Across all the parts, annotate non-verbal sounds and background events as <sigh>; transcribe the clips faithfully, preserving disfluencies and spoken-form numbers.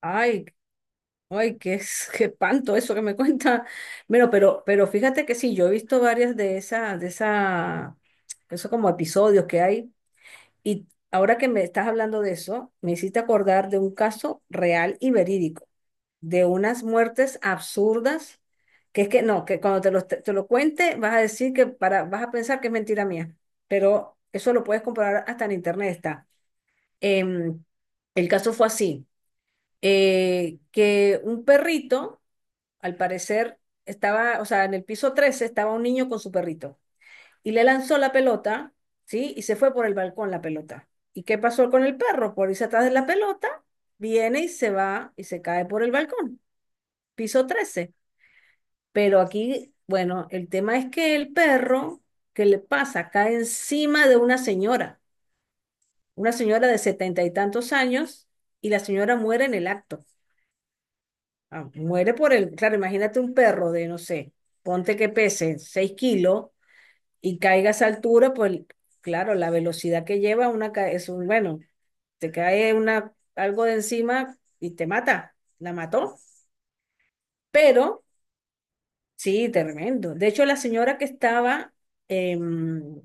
Ay, ay, qué, es- qué espanto eso que me cuenta. Bueno, pero, pero fíjate que sí, yo he visto varias de esas, de esa, esos como episodios que hay. Y ahora que me estás hablando de eso, me hiciste acordar de un caso real y verídico, de unas muertes absurdas, que es que no, que cuando te lo, te lo cuente vas a decir que para, vas a pensar que es mentira mía. Pero eso lo puedes comprobar hasta en internet está. Em, el caso fue así eh, que un perrito, al parecer, estaba, o sea, en el piso trece estaba un niño con su perrito y le lanzó la pelota, ¿sí? Y se fue por el balcón la pelota. ¿Y qué pasó con el perro? Por irse atrás de la pelota, viene y se va y se cae por el balcón, piso trece. Pero aquí, bueno, el tema es que el perro, ¿qué le pasa? Cae encima de una señora, una señora de setenta y tantos años, y la señora muere en el acto. Ah, muere por el, claro, imagínate un perro de, no sé, ponte que pese seis kilos y caiga a esa altura, pues claro, la velocidad que lleva una, ca- es un, bueno, te cae una, algo de encima y te mata, la mató, pero sí, tremendo. De hecho, la señora que estaba em,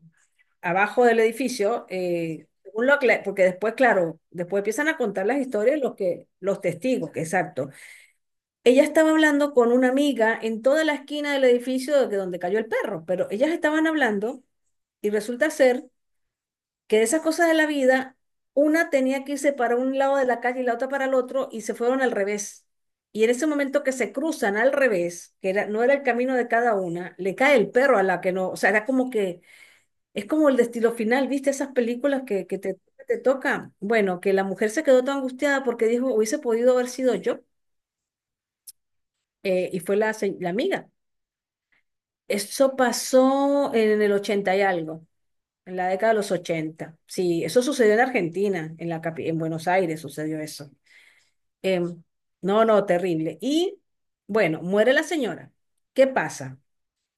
abajo del edificio, eh, según lo acla- porque después, claro, después empiezan a contar las historias los que, los testigos, que exacto. Ella estaba hablando con una amiga en toda la esquina del edificio de donde cayó el perro, pero ellas estaban hablando y resulta ser que de esas cosas de la vida, una tenía que irse para un lado de la calle y la otra para el otro y se fueron al revés. Y en ese momento que se cruzan al revés, que era- no era el camino de cada una, le cae el perro a la que no, o sea, era como que, es como el destino final, ¿viste esas películas que, que te, te tocan? Bueno, que la mujer se quedó tan angustiada porque dijo, hubiese podido haber sido yo, eh, y fue la, se- la amiga. Eso pasó en el ochenta y algo, en la década de los ochenta. Sí, eso sucedió en Argentina, en la capi- en Buenos Aires sucedió eso. Em, no, no, terrible. Y bueno, muere la señora. ¿Qué pasa?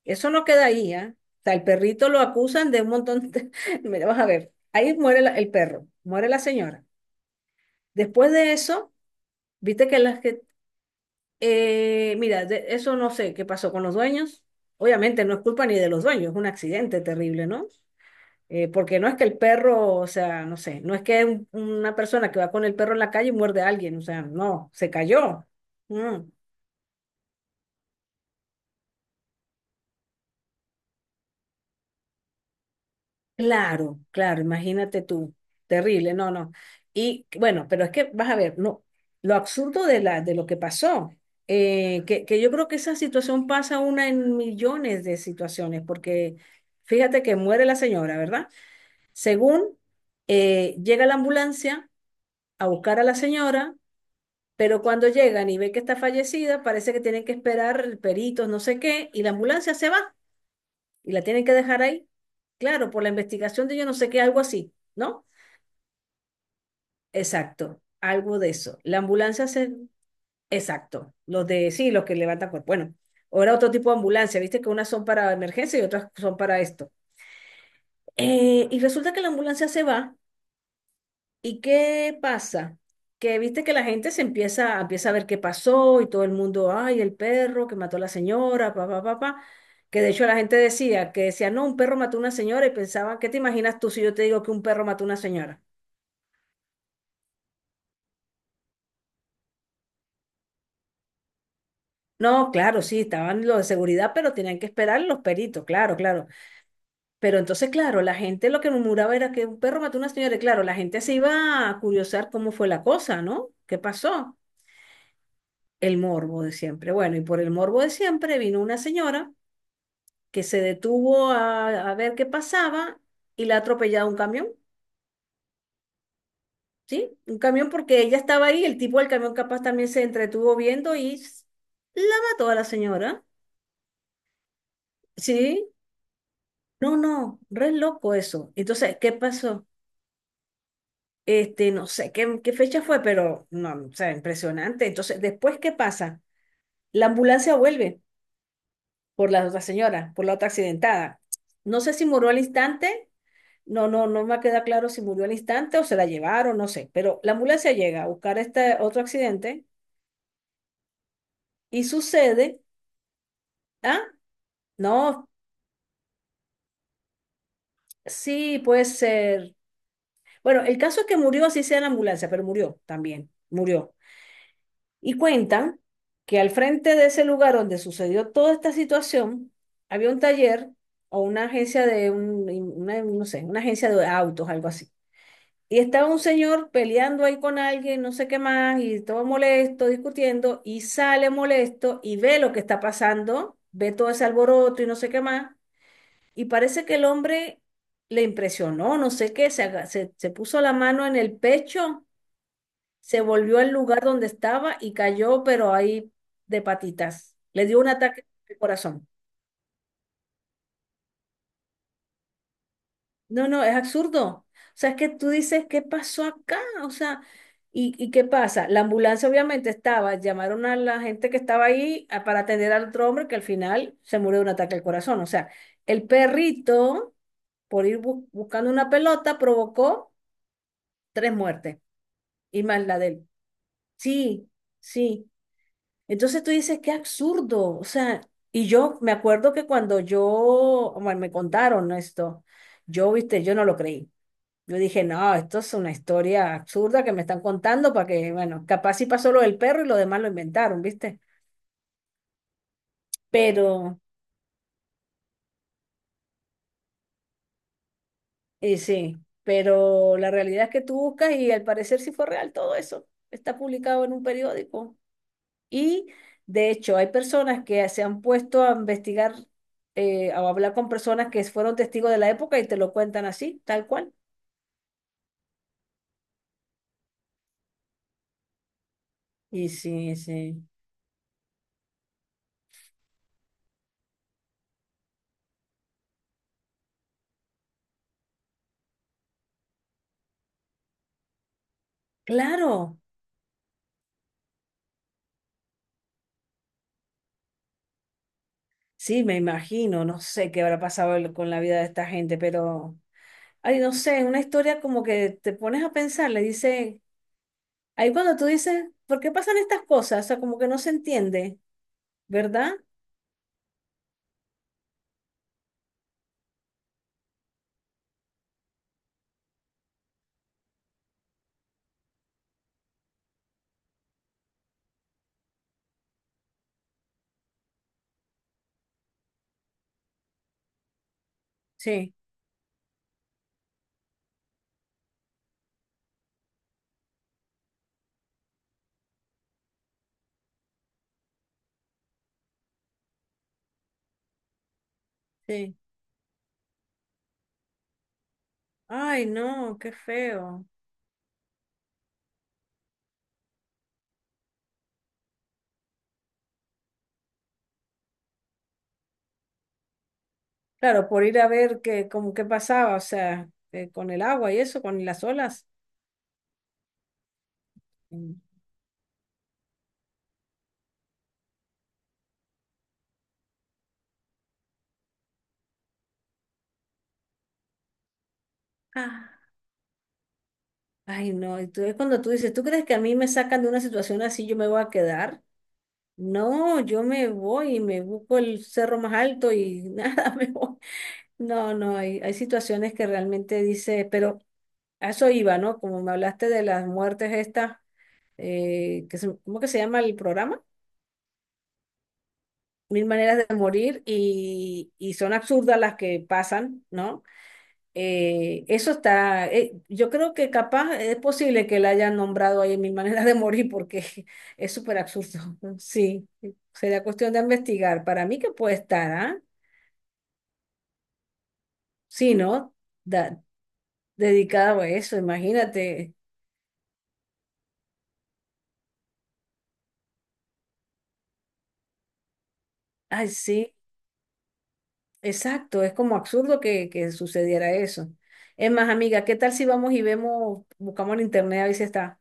Eso no queda ahí, ¿ah? O sea, el perrito lo acusan de un montón de... <laughs> Mira, vas a ver, ahí muere la- el perro, muere la señora. Después de eso, viste que las que... eh, mira, de- eso no sé qué pasó con los dueños. Obviamente no es culpa ni de los dueños, es un accidente terrible, ¿no? Eh, porque no es que el perro, o sea, no sé, no es que un- una persona que va con el perro en la calle muerde a alguien, o sea, no, se cayó. Mm, claro, claro, imagínate tú, terrible, no, no. Y bueno, pero es que vas a ver, no, lo absurdo de la, de lo que pasó, eh, que, que yo creo que esa situación pasa una en millones de situaciones, porque fíjate que muere la señora, ¿verdad? Según eh, llega la ambulancia a buscar a la señora. Pero cuando llegan y ven que está fallecida, parece que tienen que esperar peritos, no sé qué, y la ambulancia se va y la tienen que dejar ahí. Claro, por la investigación de yo no sé qué, algo así, ¿no? Exacto, algo de eso. La ambulancia se... Exacto, los de, sí, los que levantan cuerpo. Bueno, ahora otro tipo de ambulancia, viste que unas son para emergencia y otras son para esto. Eh, y resulta que la ambulancia se va. ¿Y qué pasa? Que viste que la gente se empieza, empieza a ver qué pasó y todo el mundo, ay, el perro que mató a la señora, pa, pa, pa, pa". Que de hecho la gente decía, que decía, no, un perro mató a una señora y pensaban, ¿qué te imaginas tú si yo te digo que un perro mató a una señora? No, claro, sí, estaban los de seguridad, pero tenían que esperar los peritos, claro, claro. Pero entonces, claro, la gente lo que murmuraba era que un perro mató a una señora y claro, la gente se iba a curiosar cómo fue la cosa, ¿no? ¿Qué pasó? El morbo de siempre. Bueno, y por el morbo de siempre vino una señora que se detuvo a, a ver qué pasaba y la ha atropellado un camión, ¿sí? Un camión porque ella estaba ahí, el tipo del camión capaz también se entretuvo viendo y s- la mató a la señora, ¿sí? No, no, re loco eso. Entonces, ¿qué pasó? Este, no sé qué, qué fecha fue, pero no, o sea, impresionante. Entonces, después, ¿qué pasa? La ambulancia vuelve por la otra señora, por la otra accidentada. No sé si murió al instante. No, no, no me queda claro si murió al instante o se la llevaron, no sé. Pero la ambulancia llega a buscar este otro accidente y sucede. Ah, no, sí, puede ser. Bueno, el caso es que murió, así sea en la ambulancia, pero murió también, murió. Y cuentan que al frente de ese lugar donde sucedió toda esta situación, había un taller o una agencia de un, una- no sé, una agencia de autos, algo así. Y estaba un señor peleando ahí con alguien, no sé qué más, y todo molesto, discutiendo, y sale molesto y ve lo que está pasando, ve todo ese alboroto y no sé qué más, y parece que el hombre le impresionó, no sé qué, se, aga- se, se puso la mano en el pecho, se volvió al lugar donde estaba y cayó, pero ahí de patitas. Le dio un ataque al corazón. No, no, es absurdo. O sea, es que tú dices, ¿qué pasó acá? O sea, ¿y, y qué pasa? La ambulancia obviamente estaba, llamaron a la gente que estaba ahí a- para atender al otro hombre que al final se murió de un ataque al corazón. O sea, el perrito, por ir bu- buscando una pelota, provocó tres muertes y más la de él. Sí, sí. Entonces tú dices, qué absurdo. O sea, y yo me acuerdo que cuando yo, bueno, me contaron esto, yo, viste, yo no lo creí. Yo dije, no, esto es una historia absurda que me están contando para que, bueno, capaz sí pasó lo del perro y lo demás lo inventaron, ¿viste? Pero, y sí, pero la realidad es que tú buscas y al parecer sí fue real todo eso. Está publicado en un periódico. Y de hecho, hay personas que se han puesto a investigar eh, o a hablar con personas que fueron testigos de la época y te lo cuentan así, tal cual. Y sí, sí. Claro, sí, me imagino, no sé qué habrá pasado el- con la vida de esta gente, pero... Ay, no sé, una historia como que te pones a pensar, le dice, ahí cuando tú dices, ¿por qué pasan estas cosas? O sea, como que no se entiende, ¿verdad? Sí, sí. Ay, no, qué feo. Claro, por ir a ver qué, como qué pasaba, o sea, eh, con el agua y eso, con las olas. Mm. Ah, ay, no, y tú- es cuando tú dices, ¿tú crees que a mí me sacan de una situación así, yo me voy a quedar? No, yo me voy y me busco el cerro más alto y <laughs> nada, me voy. No, no, hay, hay situaciones que realmente dice, pero a eso iba, ¿no? Como me hablaste de las muertes estas, eh, que se- ¿cómo que se llama el programa? Mil maneras de morir y, y son absurdas las que pasan, ¿no? Eh, eso está, eh, yo creo que capaz es posible que la hayan nombrado ahí en Mil maneras de morir porque <laughs> es súper absurdo. <laughs> Sí, sería cuestión de investigar. Para mí que puede estar, ¿ah? Sí, ¿no? Da- dedicado a eso, imagínate. Ay, sí. Exacto, es como absurdo que, que sucediera eso. Es más, amiga, ¿qué tal si vamos y vemos, buscamos en internet a ver si está?